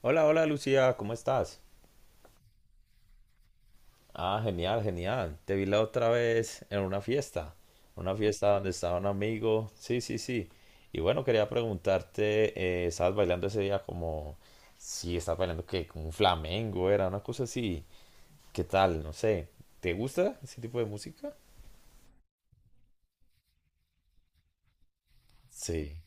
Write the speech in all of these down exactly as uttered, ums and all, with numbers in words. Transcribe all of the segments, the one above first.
Hola, hola Lucía, ¿cómo estás? Ah, genial, genial. Te vi la otra vez en una fiesta, una fiesta donde estaba un amigo. Sí, sí, sí. Y bueno, quería preguntarte, eh, ¿estabas bailando ese día como, sí, estabas bailando que como un flamenco, era una cosa así? ¿Qué tal? No sé. ¿Te gusta ese tipo de música? Sí.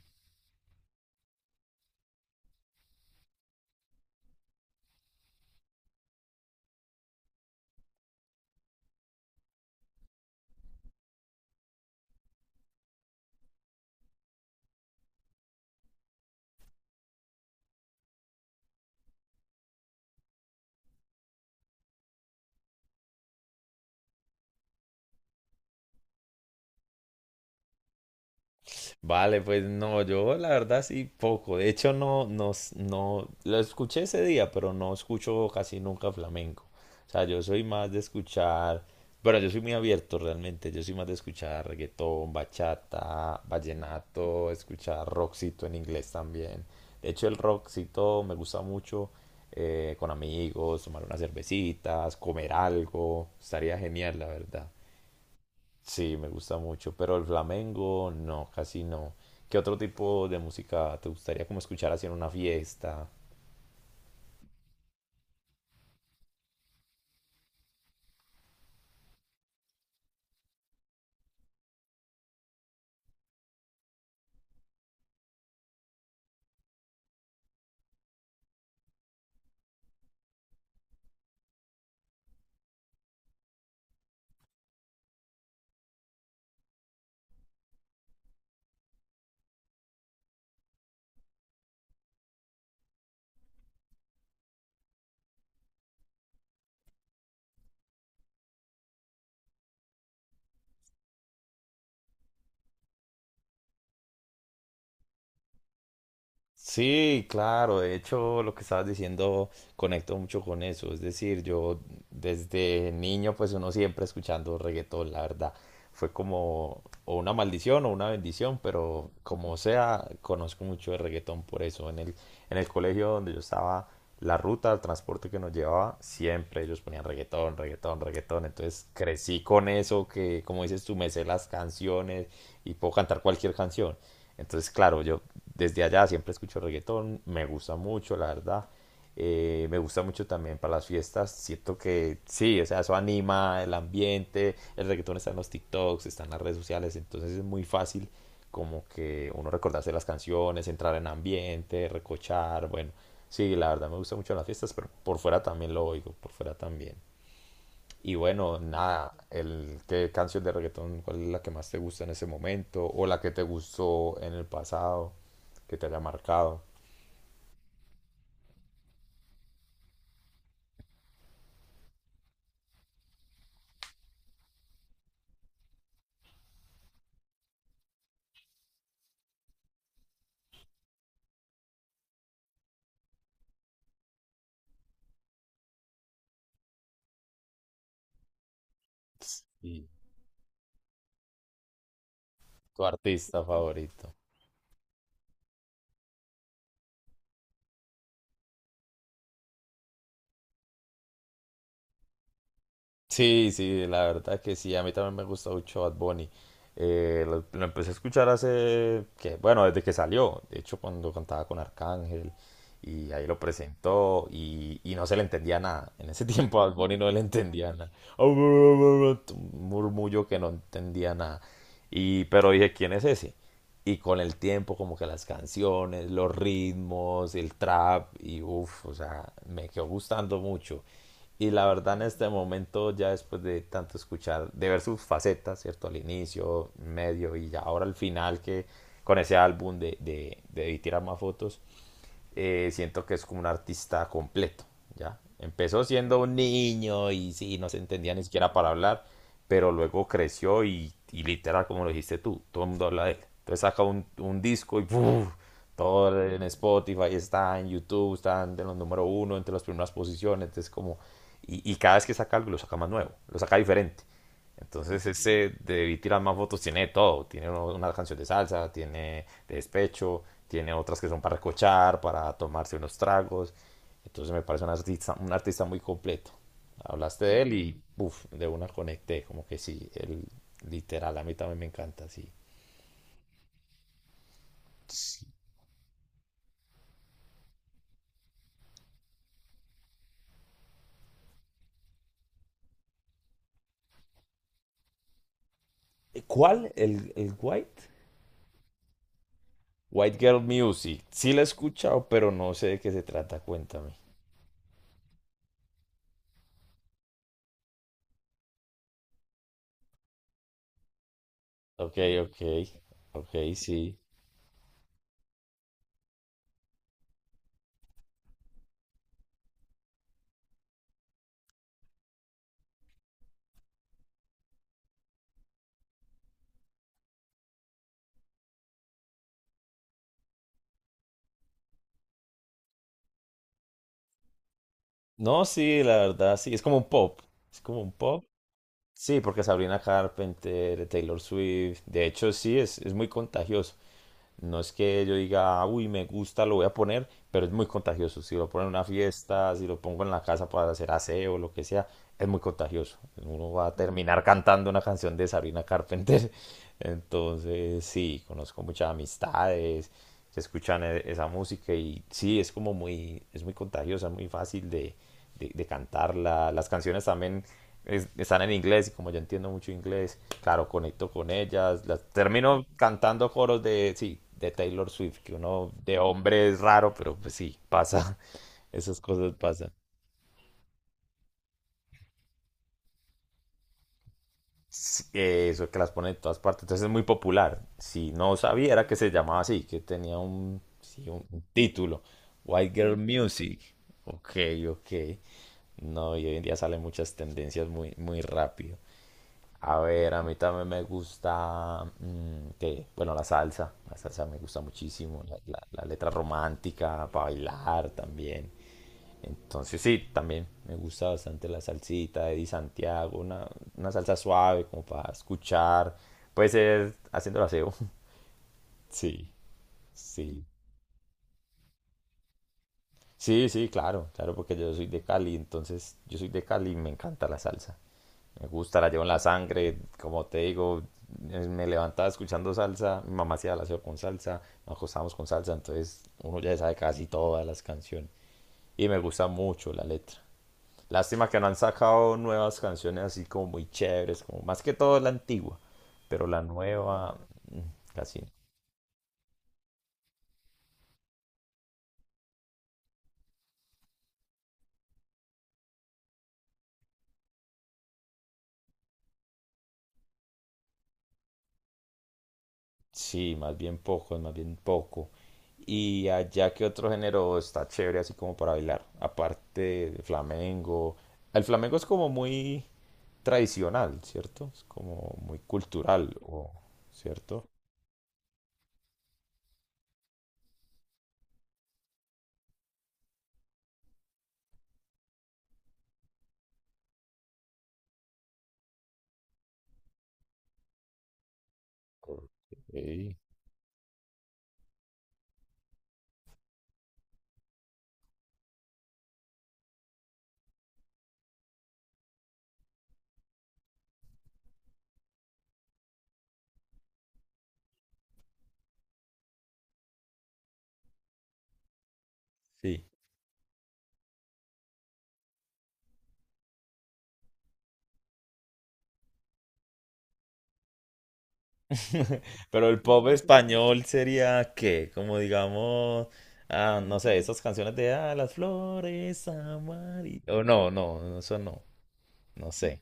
Vale, pues no, yo la verdad sí poco. De hecho, no, no, no, lo escuché ese día, pero no escucho casi nunca flamenco. O sea, yo soy más de escuchar, bueno, yo soy muy abierto realmente. Yo soy más de escuchar reggaetón, bachata, vallenato, escuchar rockcito en inglés también. De hecho, el rockcito me gusta mucho eh, con amigos, tomar unas cervecitas, comer algo. Estaría genial, la verdad. Sí, me gusta mucho, pero el flamenco no, casi no. ¿Qué otro tipo de música te gustaría como escuchar así en una fiesta? Sí, claro, de hecho lo que estabas diciendo conecto mucho con eso, es decir, yo desde niño pues uno siempre escuchando reggaetón, la verdad, fue como o una maldición o una bendición, pero como sea, conozco mucho de reggaetón por eso, en el, en el colegio donde yo estaba, la ruta, el transporte que nos llevaba, siempre ellos ponían reggaetón, reggaetón, reggaetón, entonces crecí con eso, que como dices tú, me sé las canciones y puedo cantar cualquier canción. Entonces, claro, yo desde allá siempre escucho reggaetón, me gusta mucho, la verdad. Eh, me gusta mucho también para las fiestas. Siento que sí, o sea, eso anima el ambiente. El reggaetón está en los TikToks, está en las redes sociales, entonces es muy fácil como que uno recordarse las canciones, entrar en ambiente, recochar. Bueno, sí, la verdad me gusta mucho en las fiestas, pero por fuera también lo oigo, por fuera también. Y bueno, nada, el, ¿qué canción de reggaetón, cuál es la que más te gusta en ese momento? ¿O la que te gustó en el pasado, que te haya marcado? Y tu artista favorito. Sí, sí, la verdad que sí, a mí también me gusta mucho Bad Bunny. Eh, lo, lo empecé a escuchar hace, que, bueno, desde que salió, de hecho cuando cantaba con Arcángel, y ahí lo presentó y, y no se le entendía nada. En ese tiempo a Bad Bunny no le entendía nada. Un murmullo que no entendía nada. Y, pero dije, ¿quién es ese? Y con el tiempo, como que las canciones, los ritmos, el trap, y uff, o sea, me quedó gustando mucho. Y la verdad, en este momento, ya después de tanto escuchar, de ver sus facetas, ¿cierto? Al inicio, medio y ya ahora al final, que con ese álbum de, de, de, de tirar más fotos, eh, siento que es como un artista completo, ¿ya? Empezó siendo un niño y sí, no se entendía ni siquiera para hablar, pero luego creció y, y literal, como lo dijiste tú, todo el mundo habla de él. Entonces saca un, un disco y ¡puf! Todo en Spotify está, en YouTube está en los número uno, entre las primeras posiciones, entonces como... Y, y cada vez que saca algo, lo saca más nuevo, lo saca diferente. Entonces ese de Debí Tirar Más Votos tiene de todo. Tiene uno- una canción de salsa, tiene de despecho, tiene otras que son para escuchar, para tomarse unos tragos. Entonces me parece un artista, un artista muy completo. Hablaste de él y uf, de una conecté, como que sí, él, literal, a mí también me encanta, sí. ¿Cuál? ¿El, ¿el White? White Girl Music, sí la he escuchado, pero no sé de qué se trata, cuéntame. Ok, ok, ok, sí. No, sí, la verdad, sí, es como un pop. Es como un pop. Sí, porque Sabrina Carpenter, Taylor Swift, de hecho sí, es, es muy contagioso. No es que yo diga, uy, me gusta, lo voy a poner, pero es muy contagioso. Si lo pongo en una fiesta, si lo pongo en la casa para hacer aseo, lo que sea, es muy contagioso. Uno va a terminar cantando una canción de Sabrina Carpenter. Entonces, sí, conozco muchas amistades se escuchan e- esa música y sí, es como muy, es muy contagiosa, muy fácil de, de, de cantarla. Las canciones también es- están en inglés y como yo entiendo mucho inglés, claro, conecto con ellas. Las, termino cantando coros de, sí, de Taylor Swift, que uno de hombre es raro, pero pues sí, pasa, esas cosas pasan. Eh, eso que las pone en todas partes. Entonces es muy popular. Si no sabía era que se llamaba así, que tenía un, sí, un, un título. White Girl Music. Ok, ok. No, y hoy en día salen muchas tendencias muy, muy rápido. A ver, a mí también me gusta, mm, ¿qué? Bueno, la salsa. La salsa me gusta muchísimo. La, la- la letra romántica para bailar también. Entonces sí, también me gusta bastante la salsita de Di Santiago, una, una salsa suave como para escuchar. Puede ser haciendo el aseo. Sí, sí. Sí, sí, claro, claro, porque yo soy de Cali, entonces yo soy de Cali y me encanta la salsa. Me gusta, la llevo en la sangre, como te digo, eh, me levantaba escuchando salsa, mi mamá hacía el aseo con salsa, nos acostábamos con salsa, entonces uno ya sabe casi todas las canciones. Y me gusta mucho la letra. Lástima que no han sacado nuevas canciones así como muy chéveres, como más que todo la antigua, pero la nueva mm, casi no. Sí, más bien poco, más bien poco. Y allá que otro género está chévere así como para bailar, aparte del flamenco. El flamenco es como muy tradicional, ¿cierto? Es como muy cultural, o- ¿cierto? Ok. Sí. Pero el pop español sería ¿qué? Como digamos, ah, no sé, esas canciones de ah, las flores amarillas. O no, no, no, eso no, no sé.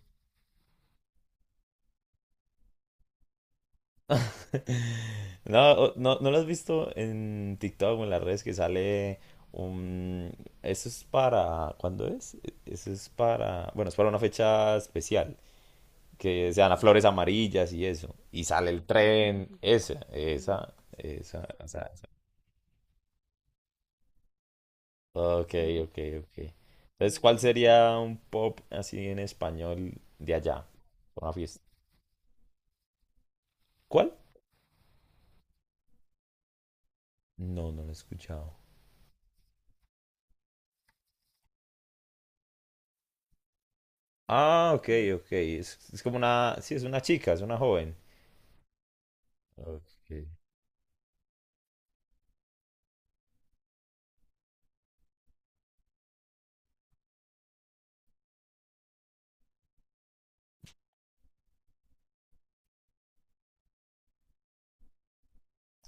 No, o- no, no lo has visto en TikTok o en las redes que sale un... Eso es para... ¿Cuándo es? Eso es para... Bueno, es para una fecha especial. Que sean las flores amarillas y eso. Y sale el tren. Esa, esa, esa. O sea, Ok, ok, ok. Entonces, ¿cuál sería un pop así en español de allá? Una fiesta. ¿Cuál? No, no lo he escuchado. Ah, ok, ok. Es, es como una... Sí, es una chica, es una joven. Ok.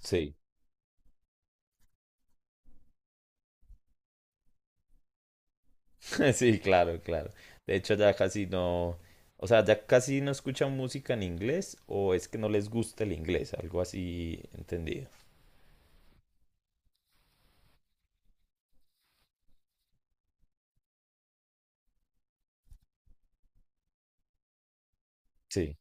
Sí, sí, claro, claro. De hecho, ya casi no... O sea, ya casi no escuchan música en inglés o es que no les gusta el inglés, algo así entendido. Sí.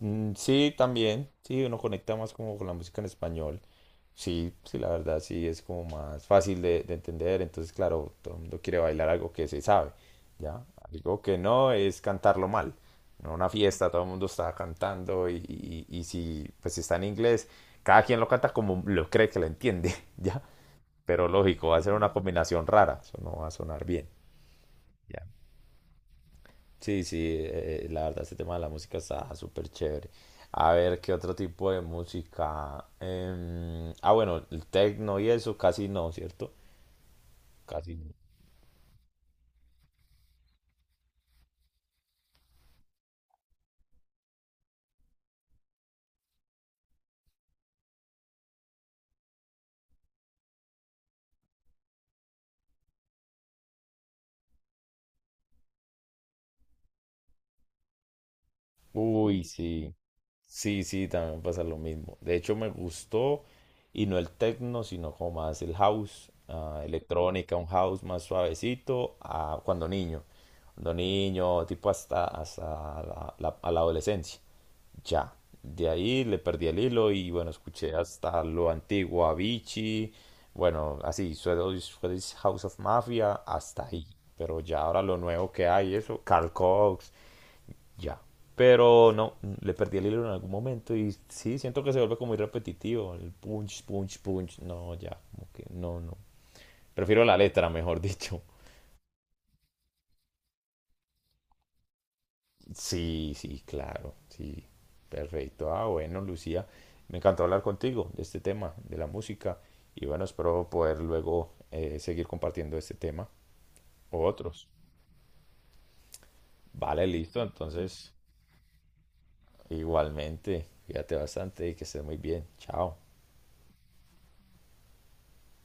Mm, sí, también. Sí, uno conecta más como con la música en español. Sí, sí, la verdad sí es como más fácil de, de entender. Entonces, claro, todo el mundo quiere bailar algo que se sabe, ¿ya? Algo que no es cantarlo mal. No una fiesta, todo el mundo está cantando y, y- y si pues está en inglés, cada quien lo canta como lo cree que lo entiende, ¿ya? Pero lógico, va a ser una combinación rara, eso no va a sonar bien, ¿ya? Sí, sí, eh, eh, la verdad este tema de la música está súper chévere. A ver, ¿qué otro tipo de música? Em, ah, bueno, el techno y eso casi no, ¿cierto? Casi no. Uy, sí. Sí, sí, también pasa lo mismo. De hecho, me gustó, y no el techno, sino como más el house, ah, electrónica, un house más suavecito, ah, cuando niño. Cuando niño, tipo hasta, hasta la, la- a la adolescencia. Ya, de ahí le perdí el hilo y bueno, escuché hasta lo antiguo, Avicii, bueno, así, Swedish, Swedish House of Mafia, hasta ahí. Pero ya ahora lo nuevo que hay, eso, Carl Cox, ya. Pero no, le perdí el hilo en algún momento y sí, siento que se vuelve como muy repetitivo, el punch, punch, punch, no, ya, como que no, no. Prefiero la letra, mejor dicho. Sí, sí, claro, sí. Perfecto. Ah, bueno, Lucía, me encantó hablar contigo de este tema, de la música, y bueno, espero poder luego eh, seguir compartiendo este tema o otros. Vale, listo, entonces, igualmente, cuídate bastante y que estés muy bien. Chao.